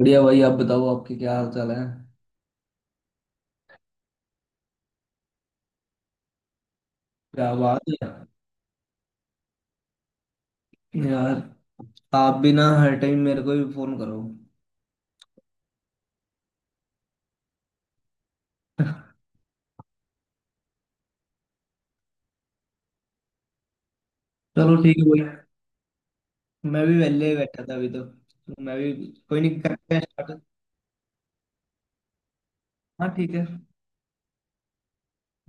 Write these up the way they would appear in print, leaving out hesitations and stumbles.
बढ़िया भाई, आप बताओ आपके क्या हाल चाल है। क्या बात है यार, आप भी ना हर टाइम मेरे को भी फोन करो। चलो ठीक है भाई। मैं भी वेले ही बैठा था अभी तो मैं भी। कोई नहीं, करते हैं start। हाँ ठीक है।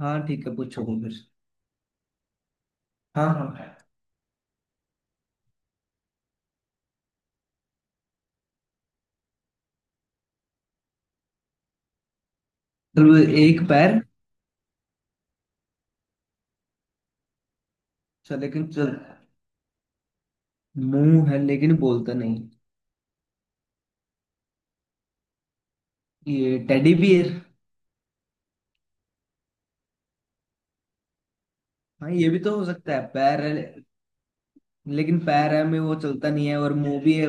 हाँ ठीक है, पूछो तुम फिर। हाँ हाँ चलो। एक पैर, चल लेकिन चल। मुंह है लेकिन बोलता नहीं। ये टेडी बियर। हाँ ये भी तो हो सकता है, लेकिन पैर है में वो चलता नहीं है और मुंह भी है।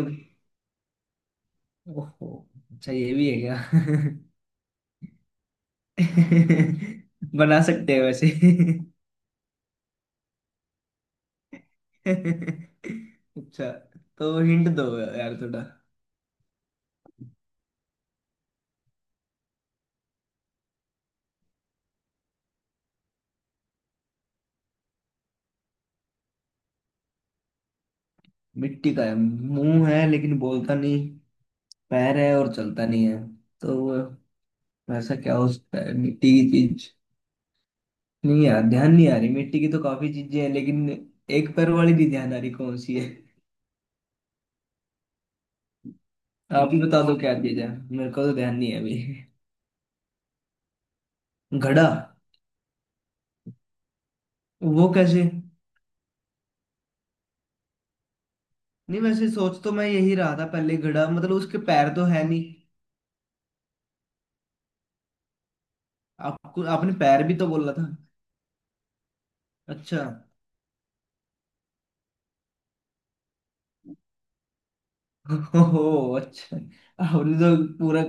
ओहो, अच्छा ये भी है क्या। बना सकते हैं वैसे। अच्छा, तो हिंट दो यार थोड़ा। मिट्टी का है, मुंह है लेकिन बोलता नहीं, पैर है और चलता नहीं है। तो वैसा क्या हो सकता है मिट्टी की चीज। नहीं यार, ध्यान नहीं आ रही। मिट्टी की तो काफी चीजें हैं लेकिन एक पैर वाली नहीं ध्यान आ रही, कौन सी है। आप ही बता दो क्या चीज है, मेरे को तो ध्यान नहीं है अभी। घड़ा, वो कैसे नहीं। वैसे सोच तो मैं यही रहा था पहले घड़ा, मतलब उसके पैर तो है नहीं। आपको आपने पैर भी तो बोला था। अच्छा। ओहो, अच्छा आपने तो पूरा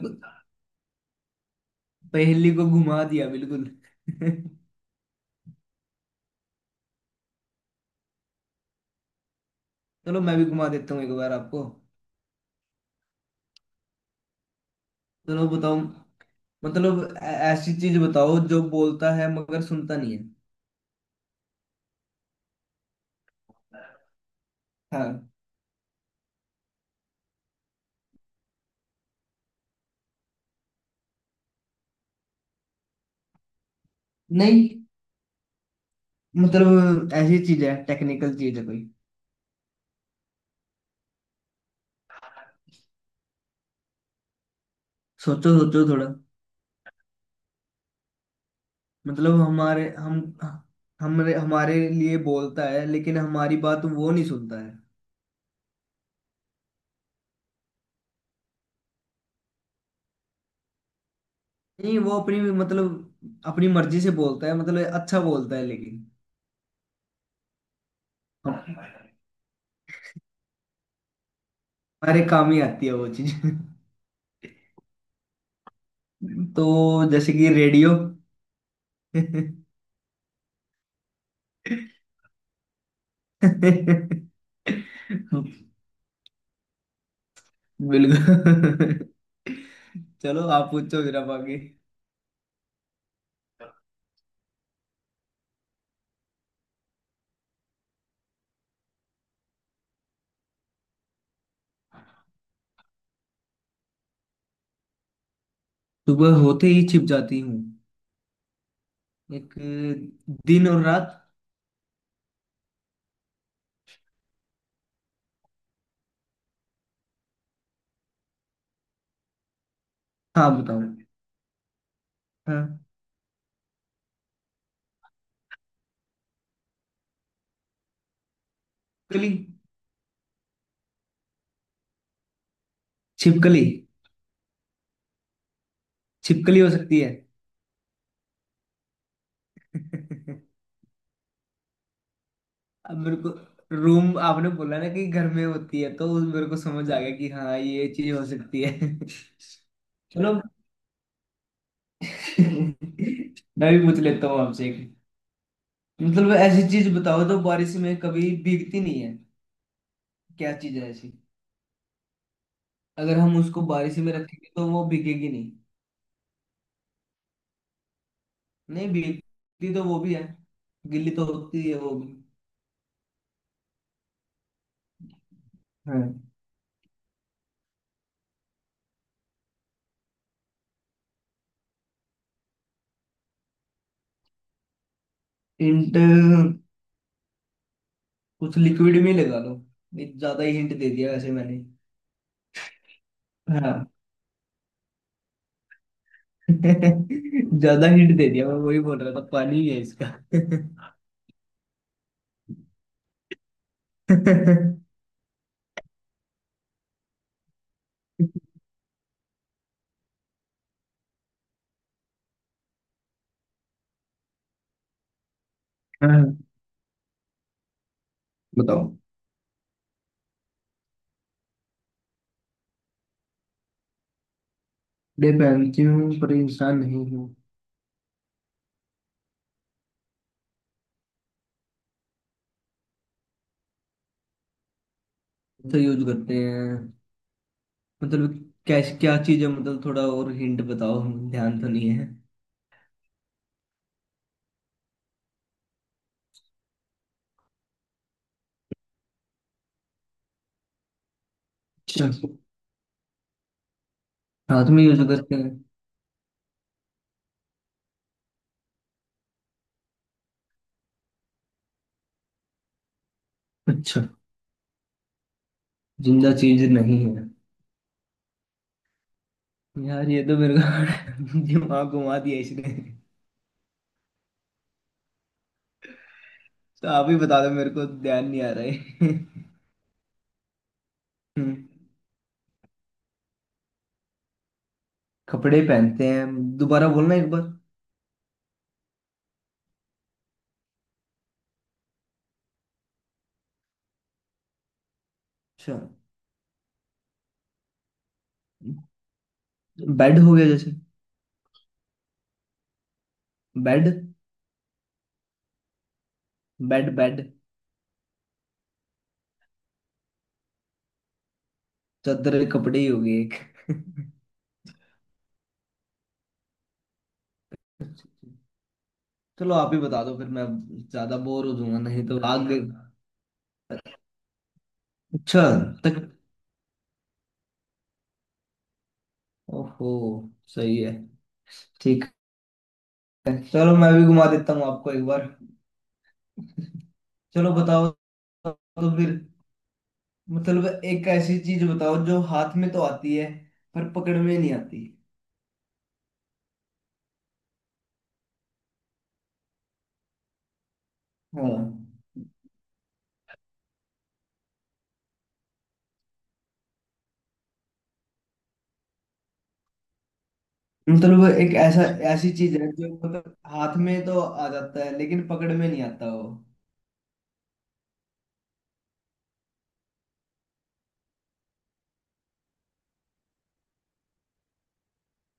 पहेली को घुमा दिया बिल्कुल। चलो, मैं भी घुमा देता हूँ एक बार आपको। चलो बताओ। मतलब ऐसी चीज बताओ जो बोलता है मगर सुनता नहीं है। हाँ। नहीं, मतलब ऐसी चीज है, टेक्निकल चीज है कोई। सोचो सोचो थोड़ा। मतलब हमारे हम हमारे हमारे लिए बोलता है लेकिन हमारी बात वो नहीं सुनता है। नहीं, वो अपनी मतलब अपनी मर्जी से बोलता है, मतलब अच्छा बोलता है लेकिन। हम- हमारे काम ही आती है वो चीज। तो जैसे कि रेडियो। बिल्कुल। चलो आप पूछो फिर आप आगे। सुबह होते ही छिप जाती हूँ। एक, दिन और रात। हाँ बताओ। हाँ। छिपकली। छिपकली। छिपकली हो सकती है। अब मेरे को रूम आपने बोला ना कि घर में होती है, मेरे को समझ आ गया कि हाँ ये चीज हो सकती है। चलो। मैं भी पूछ लेता हूँ आपसे एक। मतलब ऐसी चीज बताओ जो बारिश में कभी भीगती नहीं है। क्या चीज है ऐसी। अगर हम उसको बारिश में रखेंगे तो वो भीगेगी नहीं। नहीं भीगती तो वो भी है, गिल्ली तो होती है वो भी। हाँ। हिंट, कुछ लिक्विड में ही लगा लो। ये ज्यादा ही हिंट दे दिया वैसे मैंने। हाँ। ज्यादा हिंट दे दिया, मैं वही बोल रहा था पानी ही है इसका। हाँ, बताओ। कपड़े पहनती हूँ पर इंसान नहीं हूँ। तो यूज करते हैं। मतलब कैश क्या चीज है, मतलब थोड़ा और हिंट बताओ। ध्यान तो नहीं है। अच्छा, हाथ में यूज करते हैं। अच्छा, जिंदा चीज नहीं है। यार ये तो मेरे को दिमाग घुमा दिया इसने। तो आप ही बता दो, मेरे को ध्यान नहीं आ रहा है। हम्म, कपड़े पहनते हैं, दोबारा बोलना एक बार। अच्छा, बेड हो गया जैसे। बेड। Bed bed. चादर कपड़े ही हो गए एक। चलो आप ही बता दो फिर, मैं ज्यादा बोर हो जाऊंगा नहीं तो आगे। अच्छा, तक, ओहो, सही है, ठीक है। चलो मैं भी घुमा देता हूँ आपको एक बार। चलो बताओ। तो फिर मतलब एक ऐसी चीज बताओ जो हाथ में तो आती है पर पकड़ में नहीं आती। हाँ। मतलब एक ऐसा, ऐसी चीज है जो मतलब हाथ में तो आ जाता है लेकिन पकड़ में नहीं आता वो।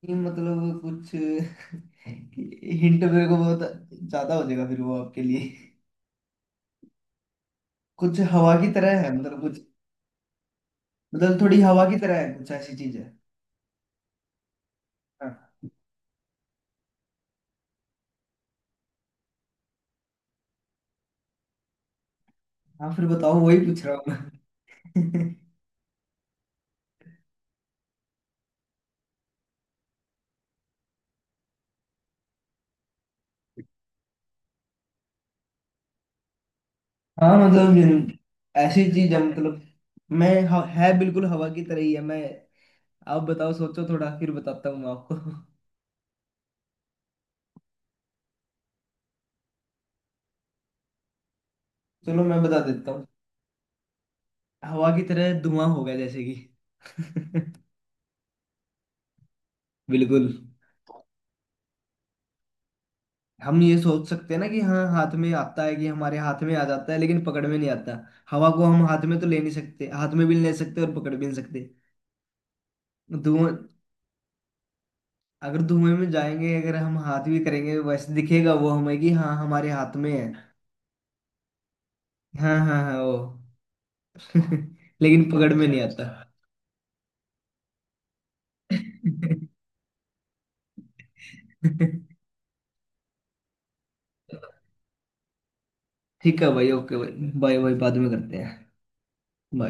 ये मतलब कुछ हिंट मेरे को बहुत ज्यादा हो जाएगा फिर वो आपके लिए। कुछ हवा की तरह है, मतलब कुछ। मतलब थोड़ी हवा की तरह है, कुछ ऐसी चीज है। हाँ। हाँ फिर बताओ, वही पूछ रहा हूँ मैं। हाँ मतलब ये ऐसी चीज है, मतलब है बिल्कुल हवा की तरह ही है। मैं, आप बताओ सोचो थोड़ा, फिर बताता हूँ मैं आपको। चलो मैं बता देता हूँ। हवा की तरह धुआं होगा जैसे कि। बिल्कुल। हम ये सोच सकते हैं ना कि हाँ हाथ में आता है कि हमारे हाथ में आ जाता है लेकिन पकड़ में नहीं आता। हवा को हम हाथ में तो ले नहीं सकते, हाथ में भी नहीं ले सकते और पकड़ भी नहीं सकते। धुआं, अगर धुएं में जाएंगे अगर हम हाथ भी करेंगे वैसे दिखेगा वो हमें कि हाँ हमारे हाथ में है। हाँ हाँ हाँ, वो। लेकिन पकड़ में अच्छा नहीं आता। अच्छा ठीक है भाई, ओके भाई, बाय बाय, बाद में करते हैं।